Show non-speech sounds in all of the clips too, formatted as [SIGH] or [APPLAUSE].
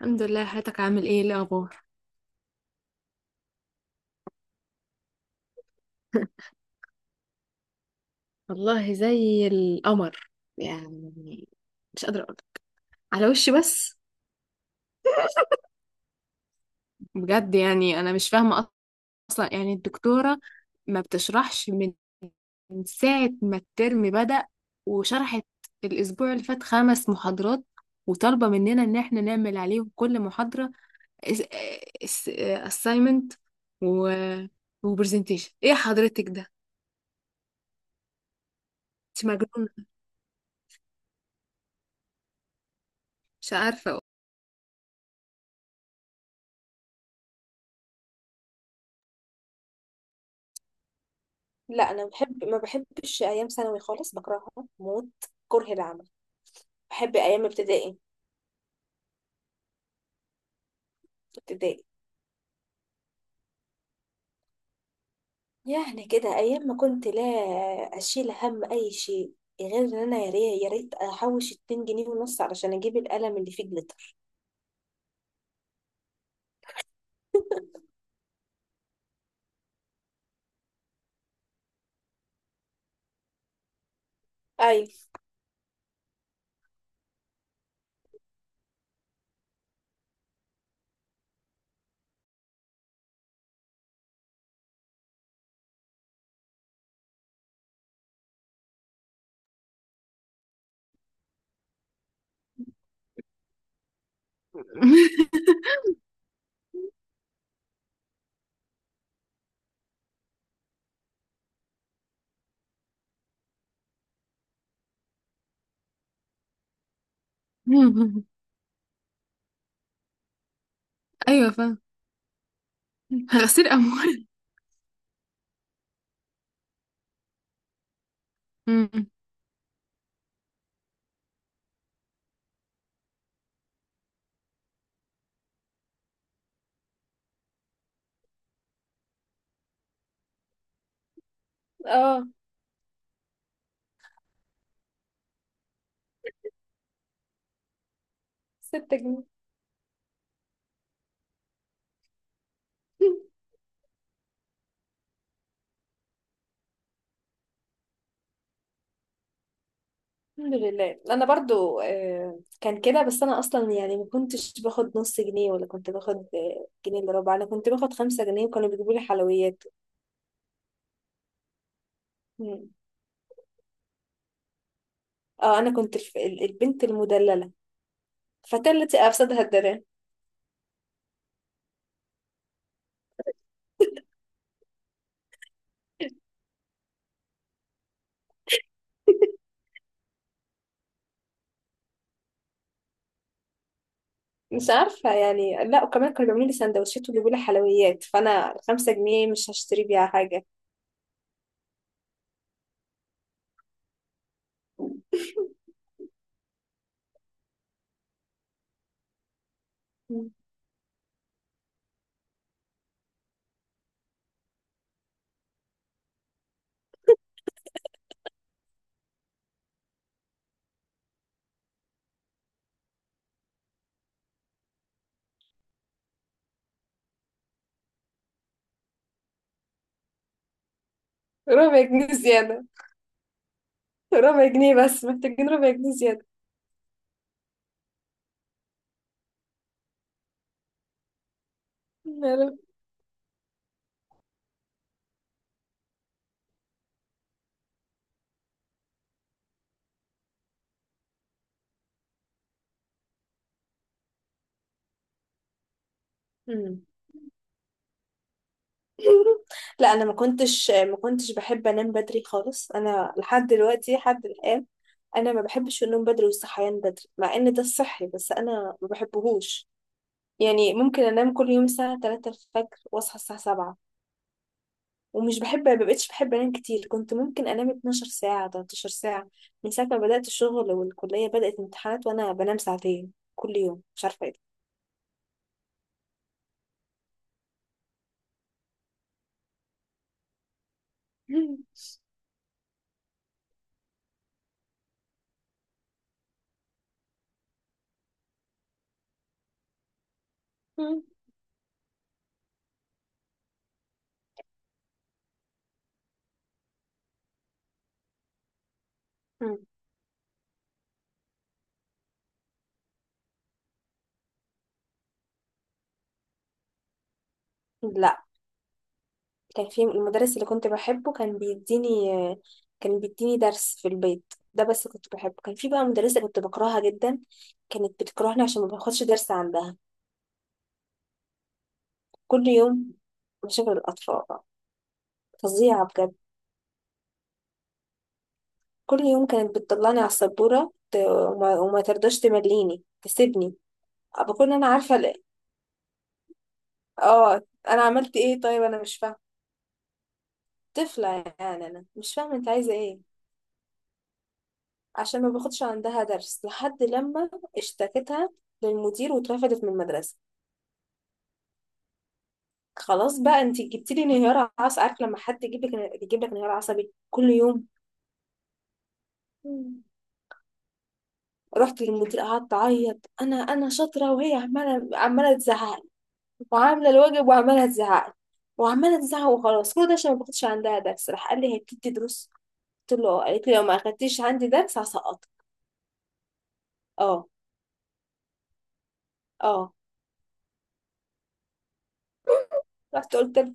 الحمد لله. حياتك، عامل ايه؟ إيه الاخبار؟ والله زي القمر، يعني. مش قادرة أقول. على وشي بس. بجد يعني انا مش فاهمه اصلا، يعني الدكتوره ما بتشرحش من ساعه ما الترم بدأ، وشرحت الاسبوع اللي فات 5 محاضرات، وطالبه مننا ان احنا نعمل عليهم كل محاضره assignment و وبرزنتيشن. ايه حضرتك ده؟ انت مجنونه! مش عارفه. لا انا بحب، ما بحبش ايام ثانوي خالص، بكرهها موت. كره العمل. بحب ايام ابتدائي. ابتدائي. يعني كده ايام ما كنت لا اشيل هم اي شيء، غير ان انا يا ريت يا ريت احوش 2 جنيه ونص علشان اجيب القلم اللي فيه جليتر. ايوه. [LAUGHS] ايوه، فاهم. غسيل اموال. [LAUGHS] مم. اه. 6 جنيه. [LAUGHS] الحمد لله انا برضو كان كده، بس انا اصلا يعني ما كنتش باخد نص جنيه، ولا كنت باخد جنيه الا ربع. انا كنت باخد 5 جنيه، وكانوا بيجيبوا لي حلويات. مم. اه، انا كنت البنت المدللة. الفتاة التي افسدها الدلال. مش عارفة يعني. لا، وكمان كانوا بيعملوا لي سندوتشات ويجيبوا لي حلويات، فانا الـ5 جنيه مش هشتري بيها حاجة. مم. ربع جنيه زيادة. ربع جنيه بس، محتاجين ربع جنيه زيادة. مم. لا، انا ما كنتش بحب انام بدري خالص. انا لحد دلوقتي، لحد الان، انا ما بحبش النوم بدري والصحيان بدري، مع ان ده الصحي بس انا ما بحبهوش. يعني ممكن انام كل يوم الساعه 3 الفجر واصحى الساعه 7. ومش بحب، ما بقتش بحب انام كتير. كنت ممكن انام 12 ساعه، 13 ساعه. من ساعه ما بدات الشغل والكليه بدات امتحانات وانا بنام 2 ساعه كل يوم. مش عارفه ايه. ده. [LAUGHS] لا، كان في المدرس اللي كنت بحبه، كان بيديني، كان بيديني درس في البيت ده، بس كنت بحبه. كان في بقى مدرسة كنت بكرهها جدا. كانت بتكرهني عشان ما باخدش درس عندها. كل يوم. مشاكل الأطفال. فظيعة بجد. كل يوم كانت بتطلعني على السبورة وما ترضاش تمليني تسيبني. بكون أنا عارفة ليه. اه. أنا عملت إيه؟ طيب أنا مش فاهمة. طفلة. يعني أنا مش فاهمة أنت عايزة إيه. عشان ما باخدش عندها درس، لحد لما اشتكتها للمدير واترفدت من المدرسة. خلاص بقى، انت جبت لي انهيار عصبي. عارف لما حد يجيب لك، يجيب لك انهيار عصبي كل يوم. مم. رحت للمدير، قعدت اعيط. انا شاطره، وهي عماله تزعق لي، وعامله الواجب، وعماله تزعق لي، وعماله تزعق. وخلاص، كل ده عشان ما باخدش عندها درس. راح قال لي هي بتدي دروس؟ قلت له اه، قالت لي لو ما اخدتيش عندي درس هسقطك. اه. اه. رحت قلت له.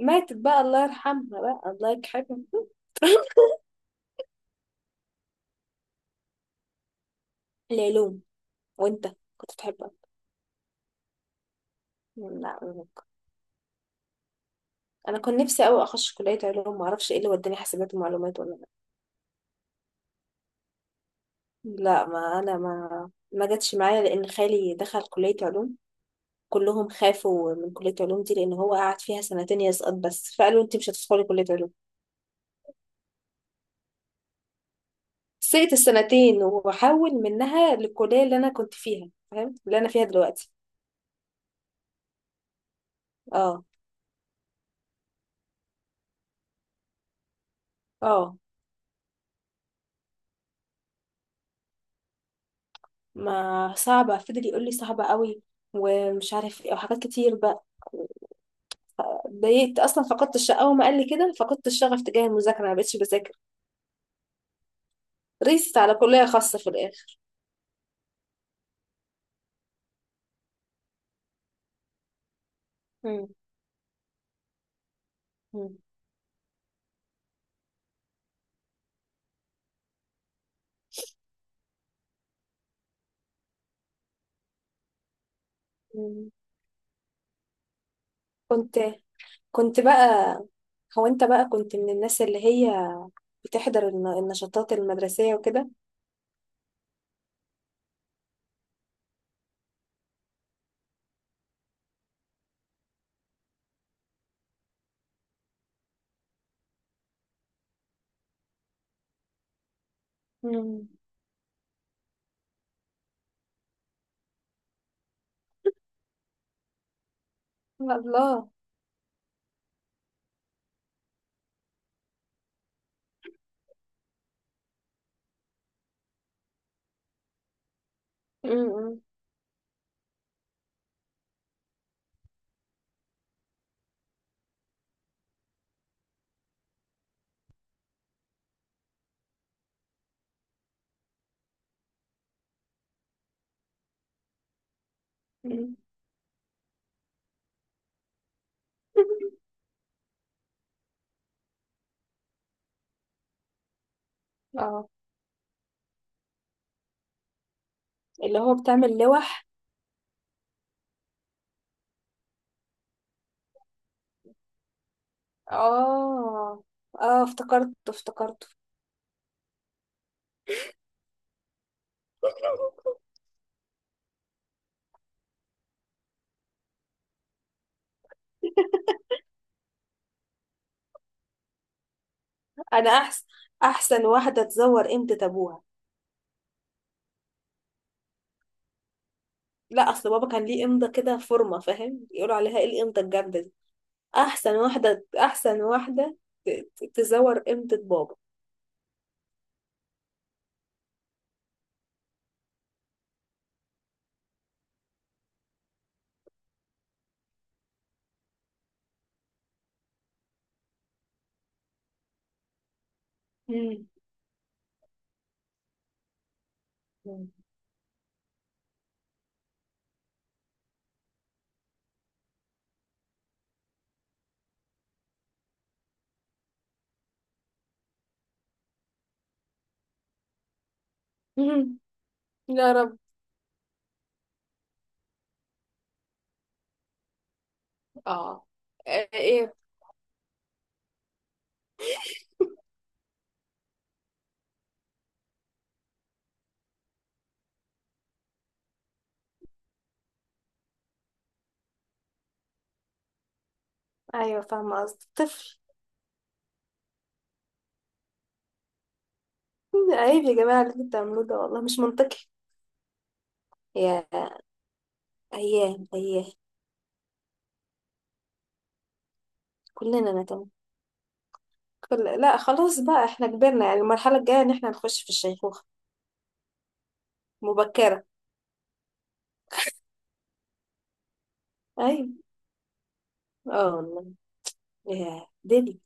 ماتت بقى، الله يرحمها بقى، الله يكحبها. العلوم. وانت؟ كنت بتحبها؟ لا ممكن. انا كنت نفسي قوي اخش كليه علوم، ما اعرفش ايه اللي وداني حاسبات ومعلومات ولا. لا، ما انا ما جاتش معايا، لان خالي دخل كليه علوم. كلهم خافوا من كليه علوم دي لان هو قعد فيها 2 سنين يسقط بس، فقالوا انت مش هتدخلي كليه علوم. سقت الـ2 سنين وحول منها للكليه اللي انا كنت فيها، فاهم اللي انا فيها دلوقتي. اه. اه. ما صعبه، فضل يقول لي صعبه قوي ومش عارف ايه وحاجات كتير بقى. اتضايقت اصلا، فقدت الش اول ما قال لي كده فقدت الشغف تجاه المذاكره، ما بقتش بذاكر. ريست على كليه خاصه في الاخر. مم. مم. مم. كنت كنت بقى، هو انت بقى كنت من الناس اللي هي بتحضر النشاطات المدرسيه وكده؟ مم. الله. مم. مم. [LAUGHS] اه. اللي هو بتعمل لوح. اه. اه، افتكرته افتكرته. [LAUGHS] انا احسن. احسن واحده تزور قيمه ابوها. لا، اصل بابا كان ليه امضه كده فورمه، فاهم؟ يقولوا عليها ايه، الامضه الجامده دي. احسن واحده، احسن واحده تزور امضه بابا. مم. [LAUGHS] مم. مم. يا رب. اه. ايه؟ ايوه فاهمه قصدي، طفل. عيب يا جماعه اللي انتوا بتعملوه ده، والله مش منطقي. يا ايام، ايام. كلنا نتم. لا خلاص بقى، احنا كبرنا، يعني المرحله الجايه ان احنا نخش في الشيخوخه. مبكره. ايوه. اه والله. يا دنيا.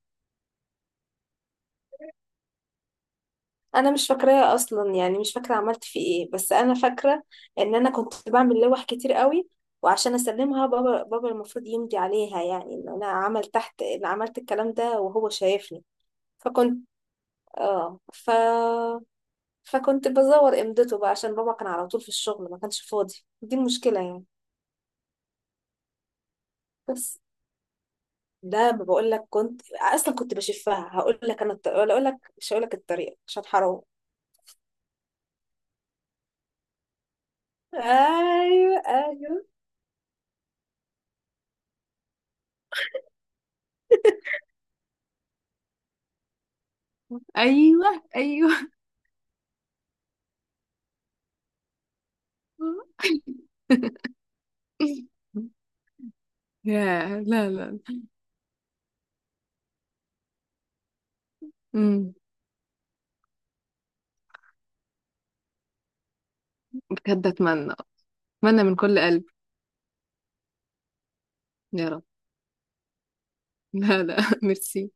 انا مش فاكراها اصلا يعني، مش فاكره عملت فيه ايه، بس انا فاكره ان انا كنت بعمل لوح كتير قوي، وعشان اسلمها بابا، المفروض يمضي عليها يعني. ان انا عملت تحت، ان عملت الكلام ده وهو شايفني. فكنت اه ف فكنت بزور امضته بقى عشان بابا كان على طول في الشغل ما كانش فاضي. دي المشكله يعني. بس ده، ما بقول لك كنت اصلا كنت بشفها. هقول لك انا ولا اقول لك، مش هقول لك الطريقه عشان حرام. ايوه ايوه. ايوه ايوه. [LAUGHS] يا، لا لا. مم. بجد اتمنى. اتمنى من كل قلب. يا رب. لا لا. [LAUGHS] ميرسي.